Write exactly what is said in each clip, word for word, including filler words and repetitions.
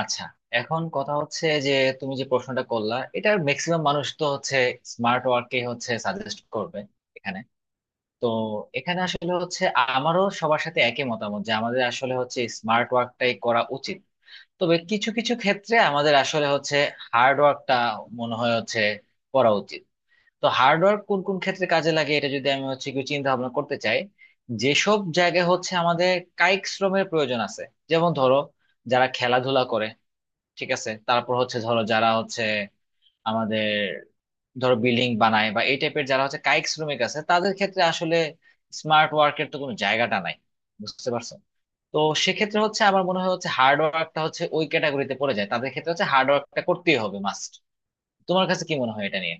আচ্ছা। এখন কথা হচ্ছে যে, তুমি যে প্রশ্নটা করলা এটার ম্যাক্সিমাম মানুষ তো হচ্ছে স্মার্ট ওয়ার্কে হচ্ছে সাজেস্ট করবে এখানে। তো এখানে আসলে হচ্ছে আমারও সবার সাথে একই মতামত যে আমাদের আসলে হচ্ছে স্মার্ট ওয়ার্কটাই করা উচিত। তবে কিছু কিছু ক্ষেত্রে আমাদের আসলে হচ্ছে হার্ড ওয়ার্কটা মনে হয় হচ্ছে করা উচিত। তো হার্ড ওয়ার্ক কোন কোন ক্ষেত্রে কাজে লাগে এটা যদি আমি হচ্ছে কিছু চিন্তা ভাবনা করতে চাই, যেসব জায়গায় হচ্ছে আমাদের কায়িক শ্রমের প্রয়োজন আছে, যেমন ধরো যারা খেলাধুলা করে, ঠিক আছে, তারপর হচ্ছে ধরো যারা হচ্ছে আমাদের ধরো বিল্ডিং বানায় বা এই টাইপের যারা হচ্ছে কায়িক শ্রমিক আছে তাদের ক্ষেত্রে আসলে স্মার্ট ওয়ার্কের তো কোনো জায়গাটা নাই। বুঝতে পারছো? তো সেক্ষেত্রে হচ্ছে আমার মনে হয় হচ্ছে হার্ড ওয়ার্কটা হচ্ছে ওই ক্যাটাগরিতে পড়ে যায়, তাদের ক্ষেত্রে হচ্ছে হার্ড ওয়ার্কটা করতেই হবে মাস্ট। তোমার কাছে কি মনে হয় এটা নিয়ে?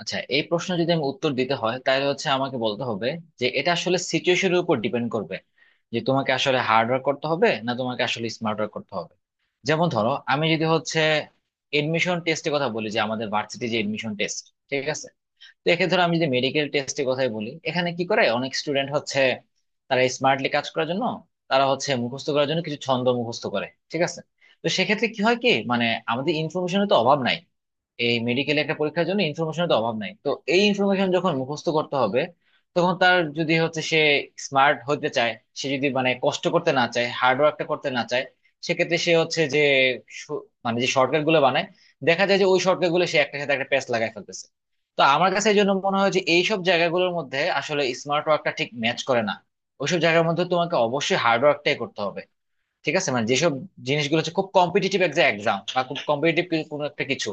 আচ্ছা, এই প্রশ্ন যদি আমি উত্তর দিতে হয় তাহলে হচ্ছে আমাকে বলতে হবে যে, এটা আসলে সিচুয়েশনের উপর ডিপেন্ড করবে যে তোমাকে আসলে হার্ড ওয়ার্ক করতে হবে না তোমাকে আসলে স্মার্ট ওয়ার্ক করতে হবে। যেমন ধরো আমি যদি হচ্ছে এডমিশন টেস্টের কথা বলি, যে আমাদের ভার্সিটি যে এডমিশন টেস্ট, ঠিক আছে, তো একে ধরো আমি যে মেডিকেল টেস্টের কথাই বলি, এখানে কি করে অনেক স্টুডেন্ট হচ্ছে তারা স্মার্টলি কাজ করার জন্য তারা হচ্ছে মুখস্থ করার জন্য কিছু ছন্দ মুখস্থ করে, ঠিক আছে। তো সেক্ষেত্রে কি হয় কি মানে, আমাদের ইনফরমেশনের তো অভাব নাই, এই মেডিকেল একটা পরীক্ষার জন্য ইনফরমেশনের তো অভাব নাই, তো এই ইনফরমেশন যখন মুখস্থ করতে হবে, তখন তার যদি হচ্ছে সে স্মার্ট হতে চায়, সে যদি মানে কষ্ট করতে না চায়, হার্ড ওয়ার্কটা করতে না চায়, সেক্ষেত্রে সে হচ্ছে যে সু- মানে যে শর্টকাট গুলো বানায়, দেখা যায় যে ওই শর্টকাট গুলো সে একটা সাথে একটা প্যাচ লাগাই ফেলতেছে। তো আমার কাছে এই জন্য মনে হয় যে এইসব জায়গাগুলোর মধ্যে আসলে স্মার্ট ওয়ার্কটা ঠিক ম্যাচ করে না, ওইসব জায়গার মধ্যে তোমাকে অবশ্যই হার্ড ওয়ার্কটাই করতে হবে। ঠিক আছে, মানে যেসব জিনিসগুলো হচ্ছে খুব কম্পিটিটিভ একটা এক্সাম বা খুব কম্পিটিটিভ কোনো একটা কিছু,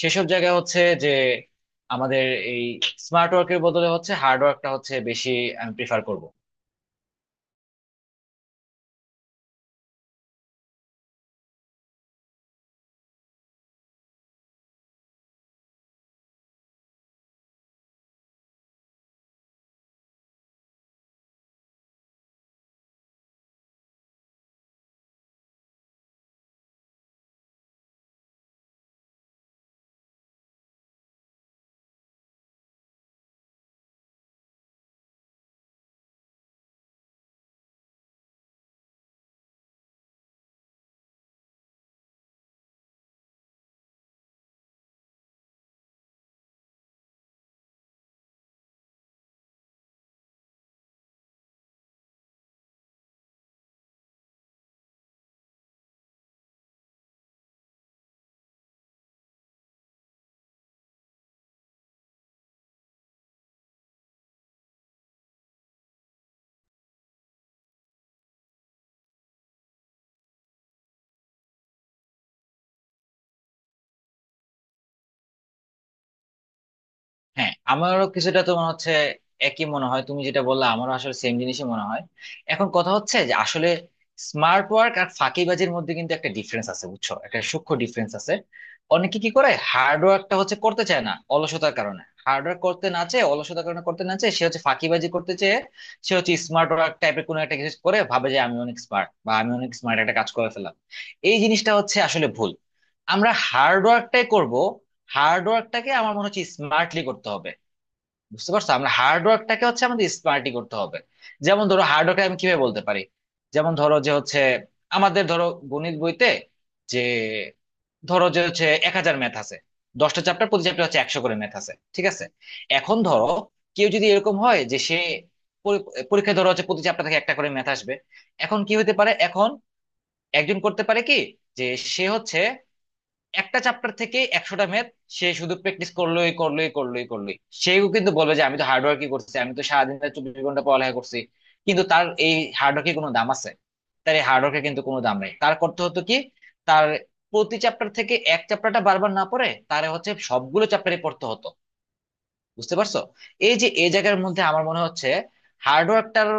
সেসব জায়গায় হচ্ছে যে আমাদের এই স্মার্ট ওয়ার্কের বদলে হচ্ছে হার্ড ওয়ার্কটা হচ্ছে বেশি আমি প্রিফার করব। হ্যাঁ, আমারও কিছুটা তোমার হচ্ছে একই মনে হয়, তুমি যেটা বললা আমারও আসলে সেম জিনিসই মনে হয়। এখন কথা হচ্ছে যে আসলে স্মার্ট ওয়ার্ক আর ফাঁকিবাজির মধ্যে কিন্তু একটা ডিফারেন্স আছে, বুঝছো, একটা সূক্ষ্ম ডিফারেন্স আছে। অনেকে কি করে হার্ড ওয়ার্কটা হচ্ছে করতে চায় না অলসতার কারণে, হার্ড ওয়ার্ক করতে না চেয়ে অলসতার কারণে করতে না চেয়ে সে হচ্ছে ফাঁকিবাজি করতে চেয়ে সে হচ্ছে স্মার্ট ওয়ার্ক টাইপের কোনো একটা কিছু করে ভাবে যে আমি অনেক স্মার্ট বা আমি অনেক স্মার্ট একটা কাজ করে ফেললাম। এই জিনিসটা হচ্ছে আসলে ভুল। আমরা হার্ড ওয়ার্কটাই করব, হার্ড ওয়ার্কটাকে আমার মনে হচ্ছে স্মার্টলি করতে হবে। বুঝতে পারছো, আমরা হার্ড ওয়ার্কটাকে হচ্ছে আমাদের স্মার্টলি করতে হবে। যেমন ধরো, হার্ড ওয়ার্ক আমি কিভাবে বলতে পারি, যেমন ধরো যে হচ্ছে আমাদের ধরো গণিত বইতে যে, ধরো যে হচ্ছে এক হাজার ম্যাথ আছে, দশটা চ্যাপ্টার, প্রতি চ্যাপ্টার হচ্ছে একশো করে ম্যাথ আছে, ঠিক আছে। এখন ধরো কেউ যদি এরকম হয় যে সে পরি- পরীক্ষায় ধরো হচ্ছে প্রতি চ্যাপ্টার থেকে একটা করে ম্যাথ আসবে। এখন কি হতে পারে, এখন একজন করতে পারে কি যে, সে হচ্ছে একটা চ্যাপ্টার থেকে একশোটা ম্যাথ সে শুধু প্র্যাকটিস করলোই করলোই করলোই করলোই। সেও কিন্তু বলবে যে আমি তো হার্ডওয়ার্কই করছি, আমি তো সারাদিন রাত চব্বিশ ঘন্টা পড়ালেখা করছি। কিন্তু তার এই হার্ডওয়ার্কের কোনো দাম আছে? তার এই হার্ডওয়ার্কের কিন্তু কোনো দাম নাই। তার করতে হতো কি, তার প্রতি চ্যাপ্টার থেকে এক চ্যাপ্টারটা বারবার না পড়ে তার হচ্ছে সবগুলো চ্যাপ্টারে পড়তে হতো। বুঝতে পারছো? এই যে এই জায়গার মধ্যে আমার মনে হচ্ছে হার্ডওয়ার্কটার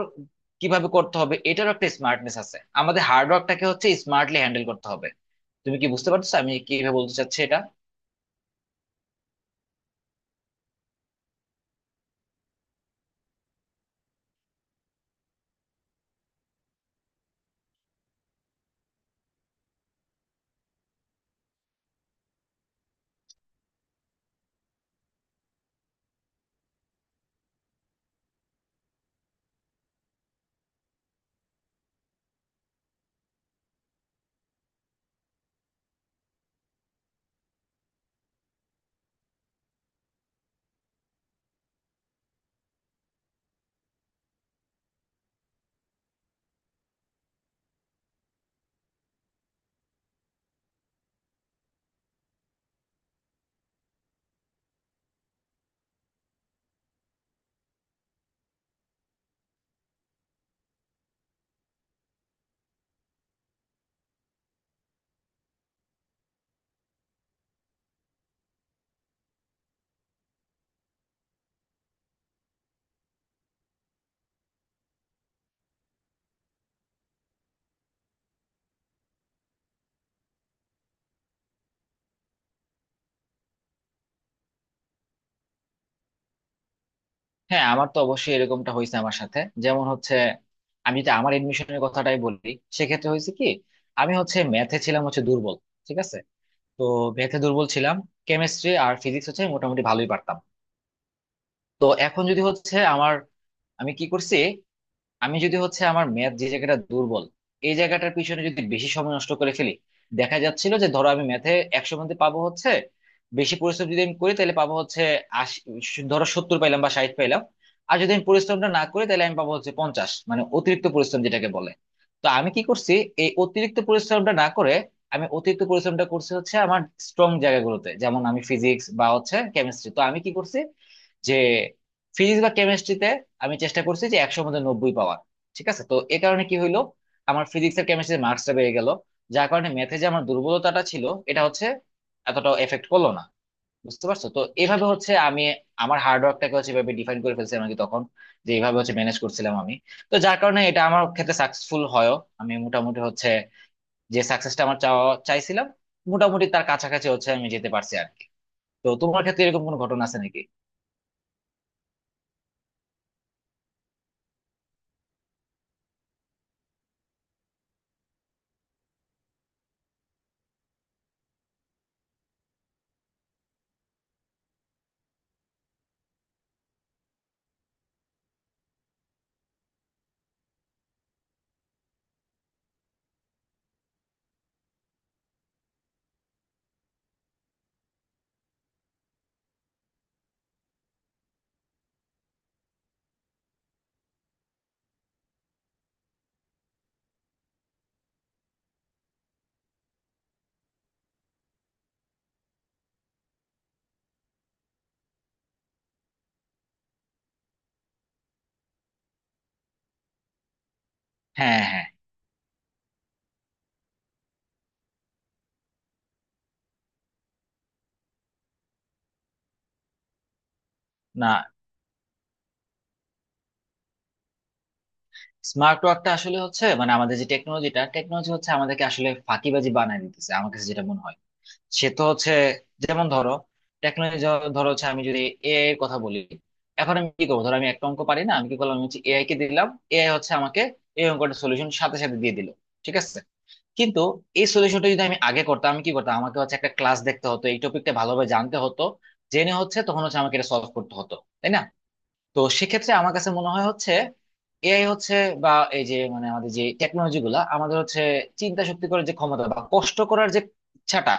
কিভাবে করতে হবে এটারও একটা স্মার্টনেস আছে, আমাদের হার্ডওয়ার্কটাকে হচ্ছে স্মার্টলি হ্যান্ডেল করতে হবে। তুমি কি বুঝতে পারছো আমি কিভাবে বলতে চাচ্ছি এটা? হ্যাঁ, আমার তো অবশ্যই এরকমটা হয়েছে আমার সাথে। যেমন হচ্ছে আমি যদি আমার এডমিশনের কথাটাই বলি, সেক্ষেত্রে হয়েছে কি, আমি হচ্ছে ম্যাথে ছিলাম হচ্ছে দুর্বল, ঠিক আছে। তো ম্যাথে দুর্বল ছিলাম, কেমিস্ট্রি আর ফিজিক্স হচ্ছে মোটামুটি ভালোই পারতাম। তো এখন যদি হচ্ছে আমার, আমি কি করছি, আমি যদি হচ্ছে আমার ম্যাথ যে জায়গাটা দুর্বল এই জায়গাটার পিছনে যদি বেশি সময় নষ্ট করে ফেলি, দেখা যাচ্ছিল যে ধরো আমি ম্যাথে একশো মধ্যে পাবো হচ্ছে, বেশি পরিশ্রম যদি আমি করি তাহলে পাবো হচ্ছে আশি, ধরো সত্তর পাইলাম বা ষাট পাইলাম। আর যদি আমি পরিশ্রমটা না করি তাহলে আমি পাবো হচ্ছে পঞ্চাশ, মানে অতিরিক্ত পরিশ্রম যেটাকে বলে। তো আমি কি করছি, এই অতিরিক্ত পরিশ্রমটা না করে আমি অতিরিক্ত পরিশ্রমটা করছি হচ্ছে আমার স্ট্রং জায়গাগুলোতে, যেমন আমি ফিজিক্স বা হচ্ছে কেমিস্ট্রি। তো আমি কি করছি যে ফিজিক্স বা কেমিস্ট্রিতে আমি চেষ্টা করছি যে একশোর মধ্যে নব্বই পাওয়ার। ঠিক আছে, তো এ কারণে কি হইলো, আমার ফিজিক্স আর কেমিস্ট্রিতে মার্কসটা বেড়ে গেল, যার কারণে ম্যাথে যে আমার দুর্বলতাটা ছিল, এটা হচ্ছে এতটাও এফেক্ট করলো না। বুঝতে পারছো, তো এভাবে হচ্ছে আমি আমার হার্ড ওয়ার্কটাকে হচ্ছে এভাবে ডিফাইন করে ফেলছিলাম আর কি তখন, যে এইভাবে হচ্ছে ম্যানেজ করছিলাম আমি। তো যার কারণে এটা আমার ক্ষেত্রে সাকসেসফুল হয়ও, আমি মোটামুটি হচ্ছে যে সাকসেসটা আমার চাওয়া চাইছিলাম মোটামুটি তার কাছাকাছি হচ্ছে আমি যেতে পারছি আর কি। তো তোমার ক্ষেত্রে এরকম কোনো ঘটনা আছে নাকি? হ্যাঁ, হ্যাঁ। না, স্মার্ট ওয়ার্কটা আসলে হচ্ছে মানে আমাদের যে টেকনোলজিটা, টেকনোলজি হচ্ছে আমাদেরকে আসলে ফাঁকিবাজি বানায় দিতেছে আমার কাছে যেটা মনে হয়। সে তো হচ্ছে, যেমন ধরো টেকনোলজি, ধরো হচ্ছে আমি যদি এআই এর কথা বলি, এখন আমি কি করবো, ধরো আমি একটা অঙ্ক পারি না, আমি কি করলাম, আমি হচ্ছে এআই কে দিলাম, এআই হচ্ছে আমাকে এই অঙ্কটা সলিউশন সাথে সাথে দিয়ে দিল, ঠিক আছে। কিন্তু এই সলিউশনটা যদি আমি আগে করতাম, আমি কি করতাম, আমাকে হচ্ছে একটা ক্লাস দেখতে হতো, এই টপিকটা ভালোভাবে জানতে হতো, জেনে হচ্ছে তখন হচ্ছে আমাকে এটা সলভ করতে হতো, তাই না? তো সেক্ষেত্রে আমার কাছে মনে হয় হচ্ছে এআই হচ্ছে, বা এই যে মানে আমাদের যে টেকনোলজি গুলা আমাদের হচ্ছে চিন্তা শক্তি করার যে ক্ষমতা বা কষ্ট করার যে ইচ্ছাটা,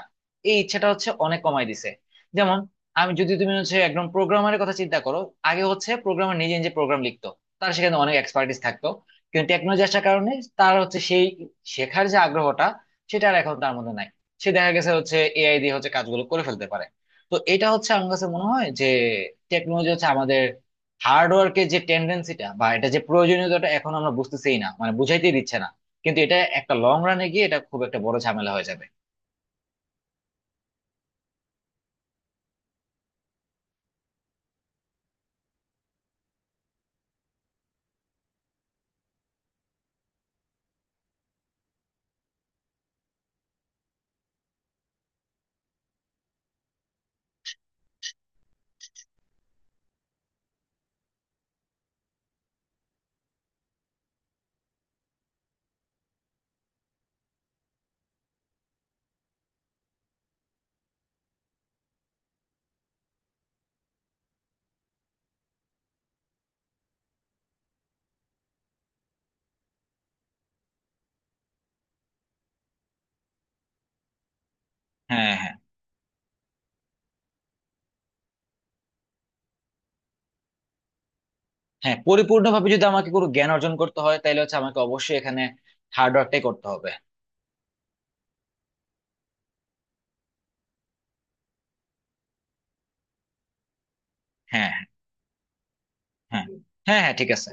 এই ইচ্ছাটা হচ্ছে অনেক কমায় দিছে। যেমন, আমি যদি তুমি হচ্ছে একদম প্রোগ্রামারের কথা চিন্তা করো, আগে হচ্ছে প্রোগ্রামার নিজে নিজে প্রোগ্রাম লিখতো, তার সেখানে অনেক এক্সপার্টিস থাকতো। কিন্তু টেকনোলজি আসার কারণে তার হচ্ছে সেই শেখার যে আগ্রহটা সেটা আর এখন তার মধ্যে নাই, সে দেখা গেছে হচ্ছে এআই দিয়ে হচ্ছে কাজগুলো করে ফেলতে পারে। তো এটা হচ্ছে আমার কাছে মনে হয় যে টেকনোলজি হচ্ছে আমাদের হার্ডওয়ার্কের যে টেন্ডেন্সিটা বা এটা যে প্রয়োজনীয়তাটা, এখন আমরা বুঝতেছেই না, মানে বুঝাইতে দিচ্ছে না। কিন্তু এটা একটা লং রানে গিয়ে এটা খুব একটা বড় ঝামেলা হয়ে যাবে। হ্যাঁ, হ্যাঁ। হ্যাঁ, পরিপূর্ণভাবে যদি আমাকে কোনো জ্ঞান অর্জন করতে হয় তাহলে হচ্ছে আমাকে অবশ্যই এখানে হার্ডওয়ার্কটাই করতে হবে। হ্যাঁ, হ্যাঁ। হ্যাঁ। হ্যাঁ, হ্যাঁ, ঠিক আছে।